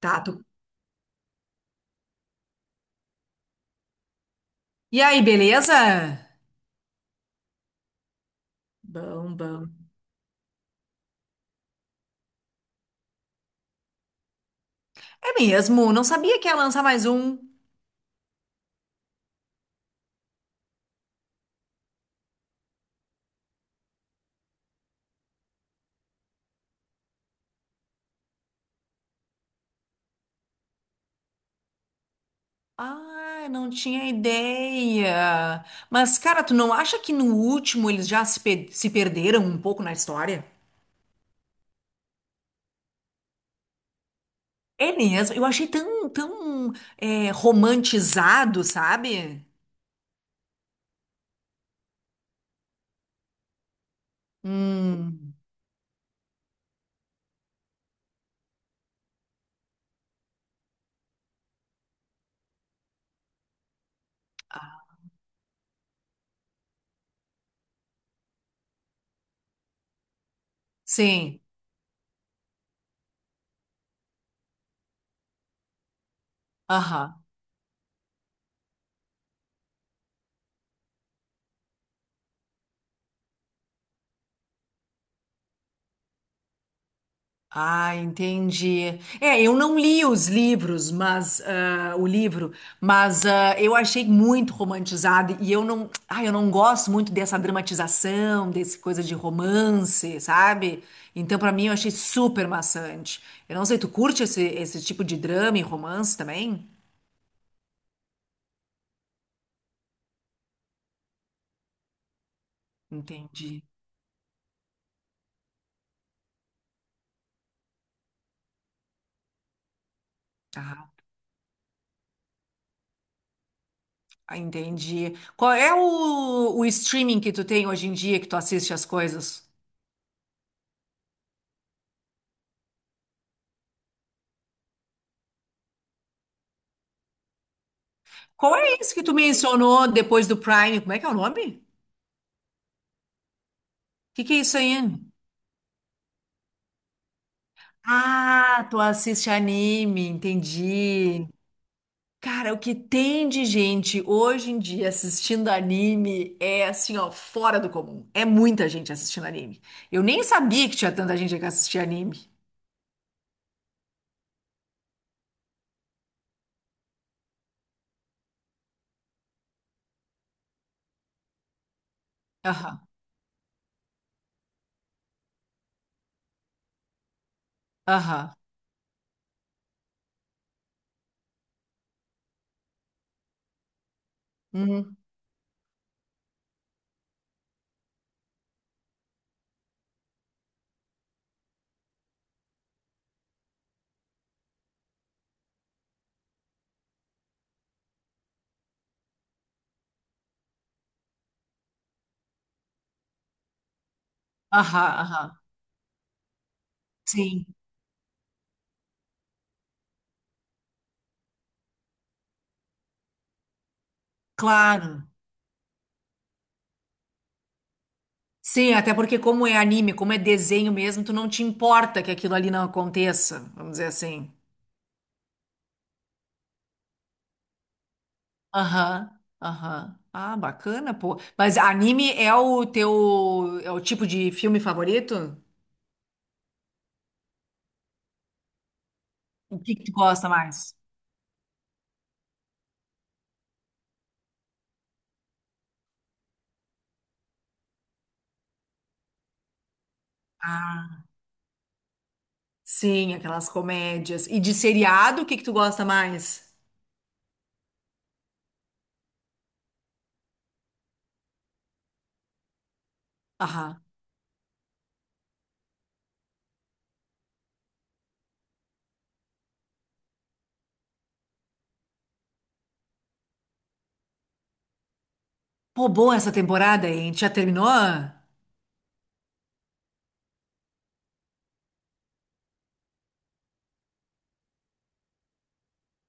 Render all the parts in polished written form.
Tá, e aí, beleza? Bom, bom. É mesmo, não sabia que ia lançar mais um. Ah, não tinha ideia. Mas, cara, tu não acha que no último eles já se, pe- se perderam um pouco na história? É mesmo, eu achei tão é, romantizado, sabe? Hum, sim, aham. Ah, entendi. É, eu não li os livros, mas o livro, mas eu achei muito romantizado e eu não gosto muito dessa dramatização, desse coisa de romance, sabe? Então, pra mim, eu achei super maçante. Eu não sei, tu curte esse tipo de drama e romance também? Entendi. Ah, ah, entendi. Qual é o streaming que tu tem hoje em dia que tu assiste as coisas? Qual é isso que tu mencionou depois do Prime? Como é que é o nome? Que é isso aí? Ah, tu assiste anime, entendi. Cara, o que tem de gente hoje em dia assistindo anime é assim, ó, fora do comum. É muita gente assistindo anime. Eu nem sabia que tinha tanta gente que assistia anime. Aham, aham. Uhum. Aham, aham. Sim, claro. Sim, até porque como é anime, como é desenho mesmo, tu não te importa que aquilo ali não aconteça, vamos dizer assim. Aham, aham. Ah, bacana, pô. Mas anime é o teu, é o tipo de filme favorito? O que que tu gosta mais? Ah, sim, aquelas comédias. E de seriado, o que que tu gosta mais? Aham. Pô, boa essa temporada, hein? Já terminou?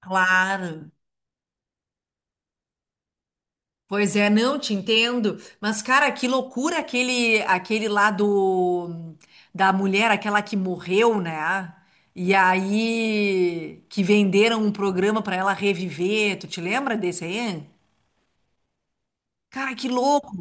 Claro. Pois é, não te entendo, mas cara, que loucura aquele lá do da mulher, aquela que morreu, né? E aí que venderam um programa pra ela reviver. Tu te lembra desse aí? Cara, que louco.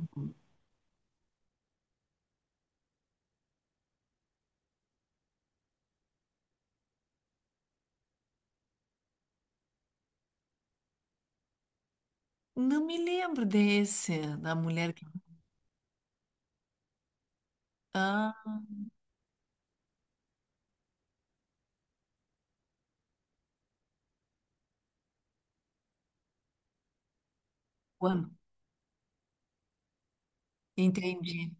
Não me lembro desse da mulher que. Ah, Juan, entendi.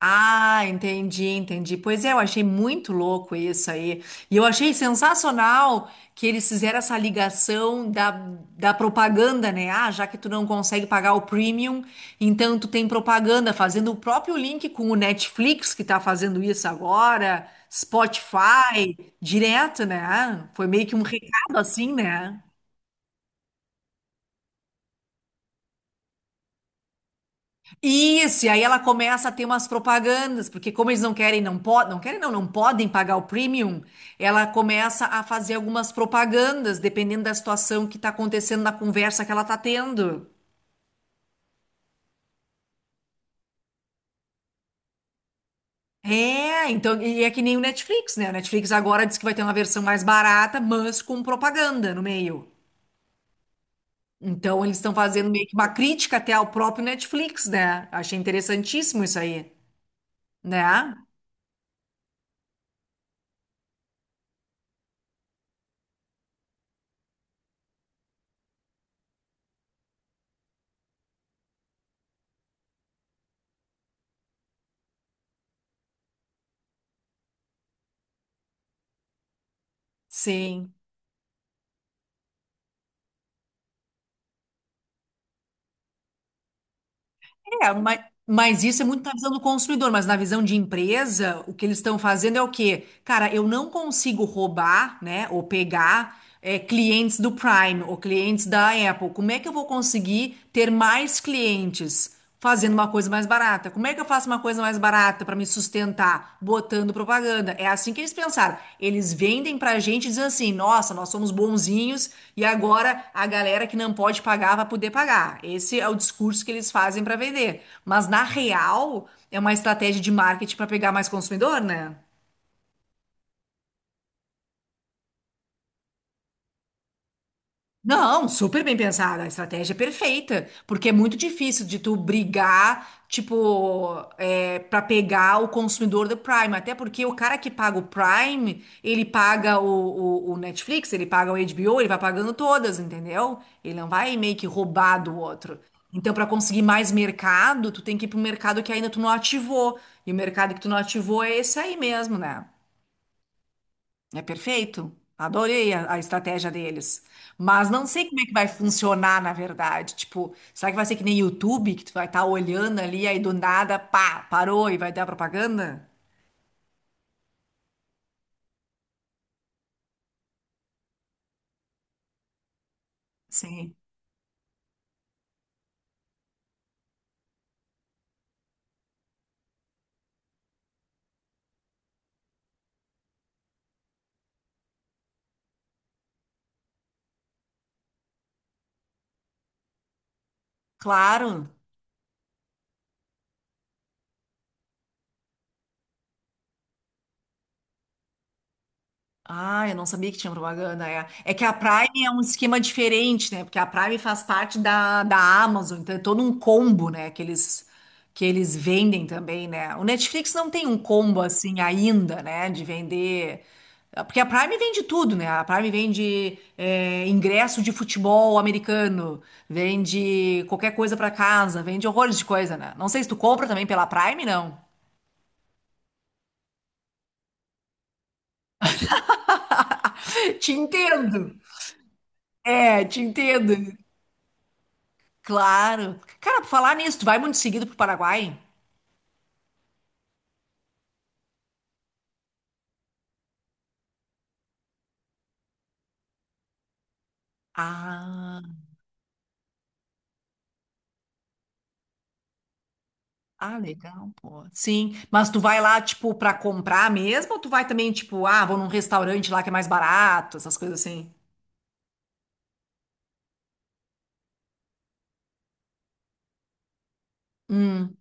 Ah, entendi. Pois é, eu achei muito louco isso aí. E eu achei sensacional que eles fizeram essa ligação da, da propaganda, né? Ah, já que tu não consegue pagar o premium, então tu tem propaganda, fazendo o próprio link com o Netflix, que tá fazendo isso agora, Spotify, direto, né? Foi meio que um recado assim, né? Isso, e aí ela começa a ter umas propagandas, porque como eles não podem, não querem não, não podem pagar o premium, ela começa a fazer algumas propagandas, dependendo da situação que está acontecendo na conversa que ela está tendo. É, então, e é que nem o Netflix, né? O Netflix agora diz que vai ter uma versão mais barata, mas com propaganda no meio. Então, eles estão fazendo meio que uma crítica até ao próprio Netflix, né? Achei interessantíssimo isso aí, né? Sim. É, mas isso é muito na visão do consumidor, mas na visão de empresa, o que eles estão fazendo é o quê? Cara, eu não consigo roubar, né, ou pegar é, clientes do Prime ou clientes da Apple. Como é que eu vou conseguir ter mais clientes fazendo uma coisa mais barata? Como é que eu faço uma coisa mais barata para me sustentar botando propaganda. É assim que eles pensaram. Eles vendem pra gente dizendo assim: "Nossa, nós somos bonzinhos e agora a galera que não pode pagar vai poder pagar". Esse é o discurso que eles fazem para vender. Mas na real, é uma estratégia de marketing para pegar mais consumidor, né? Não, super bem pensada, a estratégia é perfeita, porque é muito difícil de tu brigar, tipo, é, para pegar o consumidor do Prime, até porque o cara que paga o Prime, ele paga o Netflix, ele paga o HBO, ele vai pagando todas, entendeu? Ele não vai meio que roubar do outro. Então, para conseguir mais mercado, tu tem que ir pro mercado que ainda tu não ativou, e o mercado que tu não ativou é esse aí mesmo, né? É perfeito. Adorei a estratégia deles. Mas não sei como é que vai funcionar, na verdade. Tipo, será que vai ser que nem YouTube, que tu vai estar olhando ali, aí do nada, pá, parou e vai dar propaganda? Sim. Claro. Ah, eu não sabia que tinha propaganda. É, é que a Prime é um esquema diferente, né? Porque a Prime faz parte da Amazon, então é todo um combo, né? Que eles vendem também, né? O Netflix não tem um combo assim ainda, né? De vender. Porque a Prime vende tudo, né? A Prime vende é, ingresso de futebol americano, vende qualquer coisa pra casa, vende horrores de coisa, né? Não sei se tu compra também pela Prime, não. Te entendo. É, te entendo. Claro. Cara, por falar nisso, tu vai muito seguido pro Paraguai? Ah, ah, legal, pô. Sim, mas tu vai lá, tipo, pra comprar mesmo? Ou tu vai também, tipo, ah, vou num restaurante lá que é mais barato, essas coisas assim? Hum,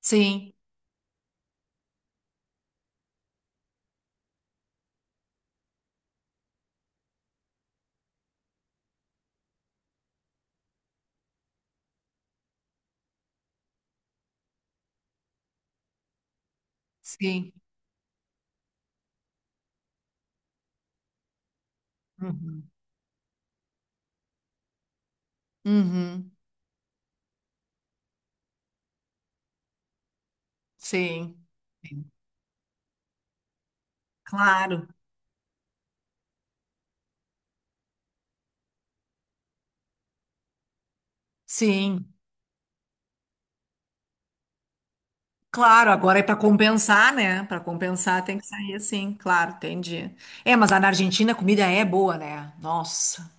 sim, sim. Uhum, uhum, sim. Sim. Claro, sim. Claro, agora é para compensar, né? Para compensar tem que sair assim, claro, entendi. É, mas lá na Argentina a comida é boa, né? Nossa.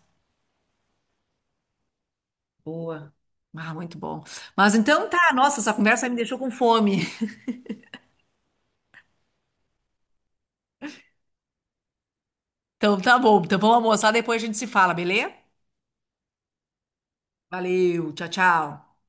Boa. Ah, muito bom. Mas então tá, nossa, essa conversa me deixou com fome. Então tá bom. Então vamos almoçar, depois a gente se fala, beleza? Valeu, tchau.